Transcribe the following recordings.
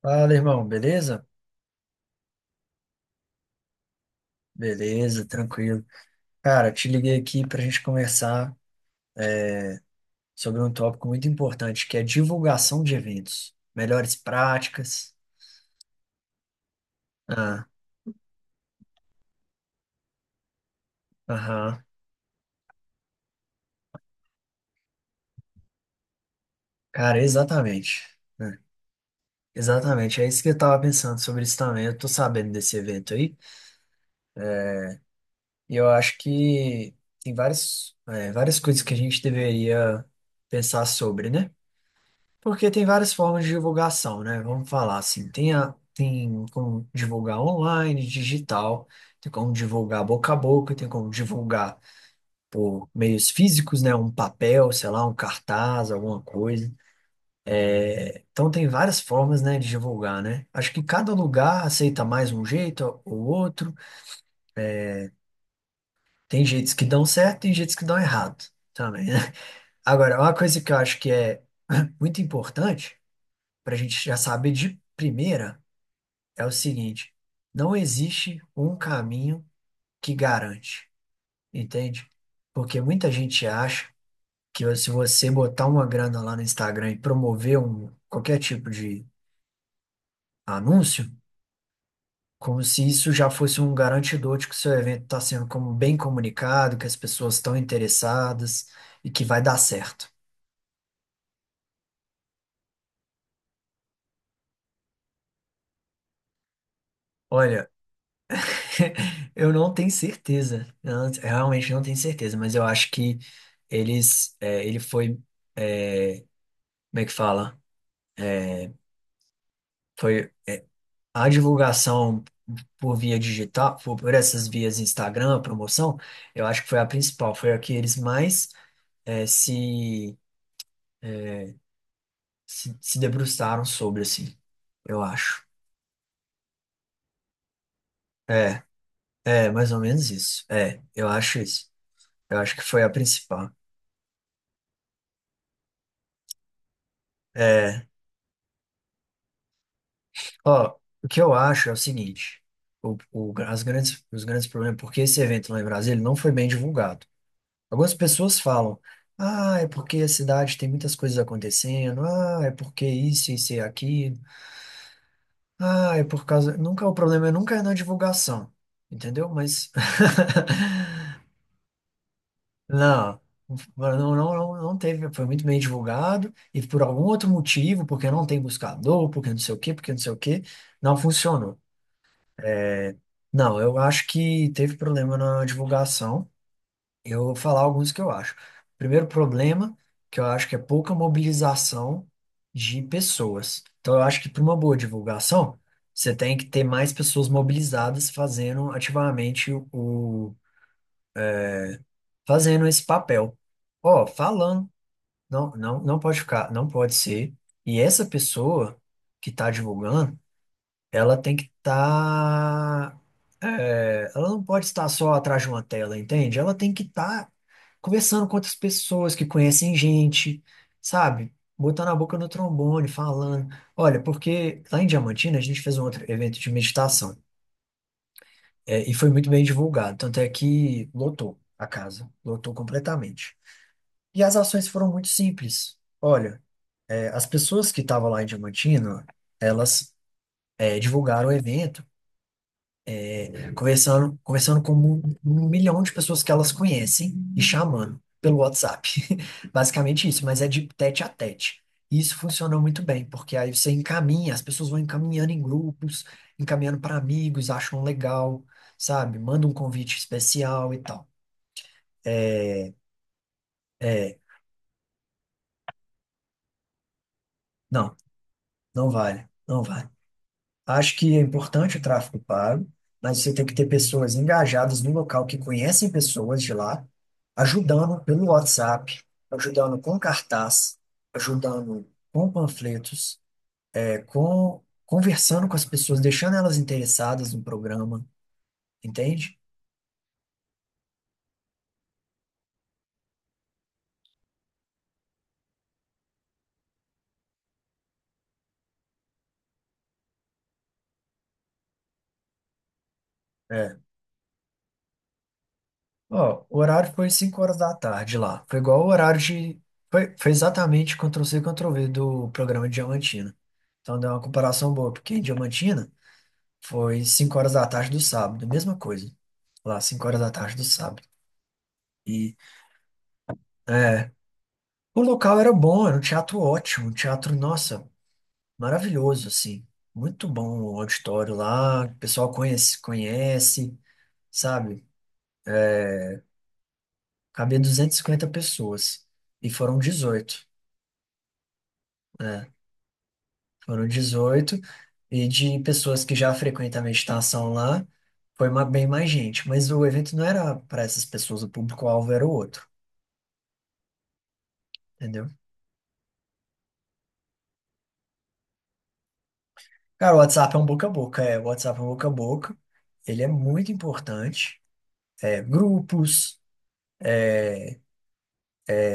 Fala, irmão, beleza? Beleza, tranquilo. Cara, te liguei aqui para a gente conversar sobre um tópico muito importante, que é divulgação de eventos, melhores práticas. Ah, aham. Cara, exatamente. Exatamente. É isso que eu tava pensando sobre isso também. Eu tô sabendo desse evento aí, e eu acho que tem várias, várias coisas que a gente deveria pensar sobre, né? Porque tem várias formas de divulgação, né? Vamos falar assim, tem, a, tem como divulgar online, digital, tem como divulgar boca a boca, tem como divulgar por meios físicos, né? Um papel, sei lá, um cartaz, alguma coisa. Então tem várias formas, né, de divulgar, né? Acho que cada lugar aceita mais um jeito ou outro. Tem jeitos que dão certo, tem jeitos que dão errado também, né? Agora, uma coisa que eu acho que é muito importante para a gente já saber de primeira é o seguinte: não existe um caminho que garante, entende? Porque muita gente acha que se você botar uma grana lá no Instagram e promover um, qualquer tipo de anúncio, como se isso já fosse um garantidor de que o seu evento está sendo como bem comunicado, que as pessoas estão interessadas e que vai dar certo. Olha, eu não tenho certeza, eu não- eu realmente não tenho certeza, mas eu acho que eles, ele foi, é, como é que fala? Foi a divulgação por via digital, por essas vias Instagram, promoção, eu acho que foi a principal, foi a que eles mais se, eh, se debruçaram sobre, assim, eu acho. É, é, mais ou menos isso. É, eu acho isso. Eu acho que foi a principal. É, ó, o que eu acho é o seguinte, as grandes, os grandes problemas, porque esse evento lá em Brasília não foi bem divulgado. Algumas pessoas falam, ah, é porque a cidade tem muitas coisas acontecendo, ah, é porque isso e aquilo, ah, é por causa. Nunca é o problema, é nunca é na divulgação, entendeu? Mas não, não, não, não, não teve, foi muito bem divulgado e por algum outro motivo, porque não tem buscador, porque não sei o quê, porque não sei o quê, não funcionou. É, não, eu acho que teve problema na divulgação. Eu vou falar alguns que eu acho. Primeiro problema, que eu acho que é pouca mobilização de pessoas. Então, eu acho que para uma boa divulgação, você tem que ter mais pessoas mobilizadas fazendo ativamente o- fazendo esse papel. Ó, falando, não, não, não pode ficar, não pode ser. E essa pessoa que está divulgando, ela tem que estar, ela não pode estar só atrás de uma tela, entende? Ela tem que estar conversando com outras pessoas que conhecem gente, sabe? Botando a boca no trombone, falando. Olha, porque lá em Diamantina a gente fez um outro evento de meditação, e foi muito bem divulgado, tanto é que lotou a casa, lotou completamente. E as ações foram muito simples. Olha, as pessoas que estavam lá em Diamantina, elas divulgaram o evento. Conversando, conversando com um milhão de pessoas que elas conhecem e chamando pelo WhatsApp. Basicamente isso, mas é de tete a tete. E isso funcionou muito bem, porque aí você encaminha, as pessoas vão encaminhando em grupos, encaminhando para amigos, acham legal, sabe? Manda um convite especial e tal. É, é, não, não vale, não vale. Acho que é importante o tráfego pago, mas você tem que ter pessoas engajadas no local que conhecem pessoas de lá, ajudando pelo WhatsApp, ajudando com cartaz, ajudando com panfletos, com conversando com as pessoas, deixando elas interessadas no programa, entende? É. Ó, o horário foi 5 horas da tarde lá. Foi igual o horário de. Foi, foi exatamente Ctrl-C, Ctrl-V do programa de Diamantina. Então deu uma comparação boa, porque em Diamantina foi 5 horas da tarde do sábado, mesma coisa. Lá, 5 horas da tarde do sábado. E é, o local era bom, era um teatro ótimo, um teatro, nossa, maravilhoso, assim. Muito bom o auditório lá, o pessoal conhece, conhece, sabe? Cabia 250 pessoas e foram 18, né? Foram 18 e de pessoas que já frequentam a meditação lá, foi ma- bem mais gente, mas o evento não era para essas pessoas, o público-alvo era o outro, entendeu? Cara, o WhatsApp é um boca a boca, é, o WhatsApp é um boca a boca, ele é muito importante, grupos,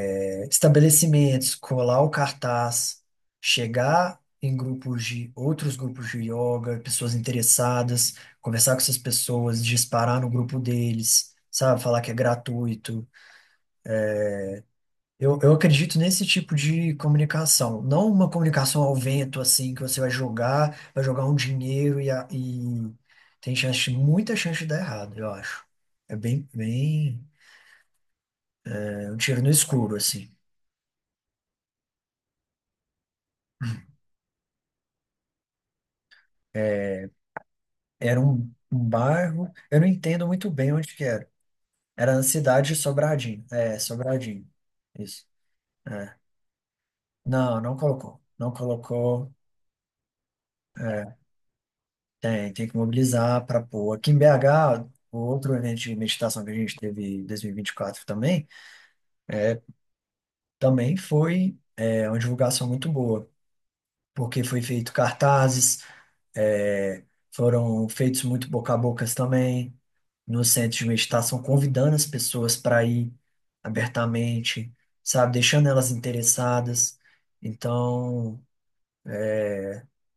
estabelecimentos, colar o cartaz, chegar em grupos de, outros grupos de yoga, pessoas interessadas, conversar com essas pessoas, disparar no grupo deles, sabe, falar que é gratuito. Eu acredito nesse tipo de comunicação, não uma comunicação ao vento, assim, que você vai jogar um dinheiro e, a- e tem chance, muita chance de dar errado, eu acho. É bem, bem, é um tiro no escuro, assim. É, era um, um bairro, eu não entendo muito bem onde que era. Era na cidade de Sobradinho, é, Sobradinho, isso. É. Não, não colocou, não colocou. É, tem, tem que mobilizar para pôr. Aqui em BH, o outro evento de meditação que a gente teve em 2024 também, também foi uma divulgação muito boa, porque foi feito cartazes, é, foram feitos muito boca a bocas também, no centro de meditação, convidando as pessoas para ir abertamente, sabe, deixando elas interessadas. Então,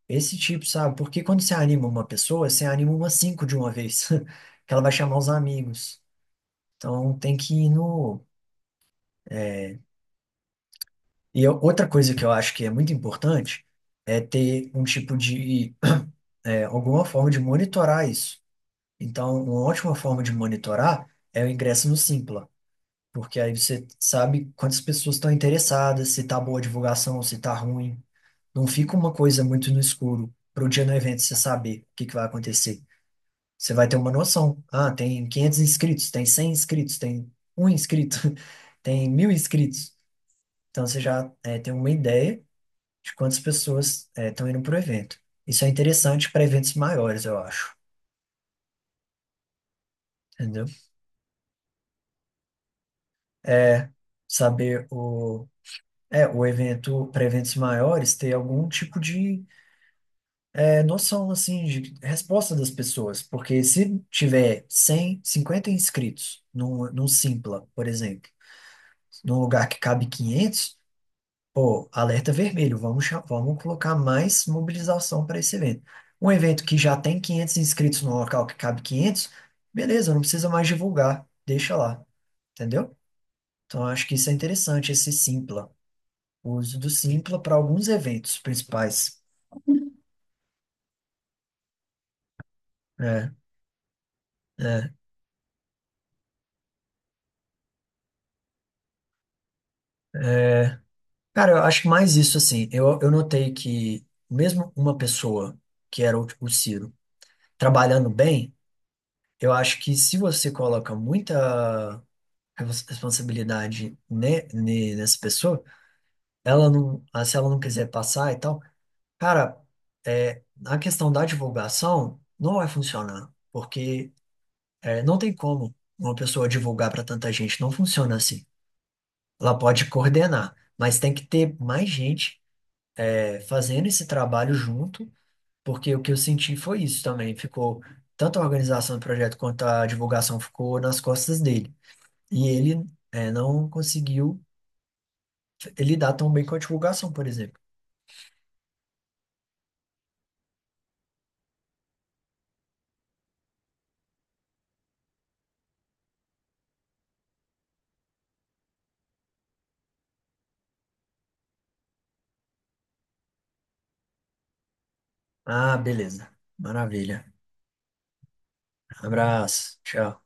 esse tipo, sabe, porque quando você anima uma pessoa, você anima umas 5 de uma vez, que ela vai chamar os amigos. Então tem que ir no. E eu- outra coisa que eu acho que é muito importante é ter um tipo de, alguma forma de monitorar isso. Então, uma ótima forma de monitorar é o ingresso no Simpla, porque aí você sabe quantas pessoas estão interessadas, se tá boa a divulgação, se tá ruim. Não fica uma coisa muito no escuro para o dia do evento você saber o que que vai acontecer. Você vai ter uma noção. Ah, tem 500 inscritos, tem 100 inscritos, tem um inscrito, tem 1.000 inscritos. Então você já tem uma ideia de quantas pessoas estão indo para o evento. Isso é interessante para eventos maiores, eu acho. Entendeu? É saber o. É, o evento, para eventos maiores, ter algum tipo de noção, assim, de resposta das pessoas. Porque se tiver 100, 50 inscritos num, num Simpla, por exemplo, num lugar que cabe 500, pô, alerta vermelho, vamos, cha- vamos colocar mais mobilização para esse evento. Um evento que já tem 500 inscritos no local que cabe 500, beleza, não precisa mais divulgar, deixa lá, entendeu? Então, acho que isso é interessante, esse Simpla, o uso do Simpla para alguns eventos principais. É, é, é. Cara, eu acho que mais isso, assim, eu notei que mesmo uma pessoa, que era o Ciro, trabalhando bem, eu acho que se você coloca muita respons- responsabilidade nessa pessoa, ela não, ah, se ela não quiser passar e tal, cara, a questão da divulgação não vai funcionar, porque não tem como uma pessoa divulgar para tanta gente, não funciona assim. Ela pode coordenar, mas tem que ter mais gente fazendo esse trabalho junto, porque o que eu senti foi isso também, ficou tanto a organização do projeto quanto a divulgação ficou nas costas dele. E ele não conseguiu lidar tão bem com a divulgação, por exemplo. Ah, beleza. Maravilha. Abraço. Tchau.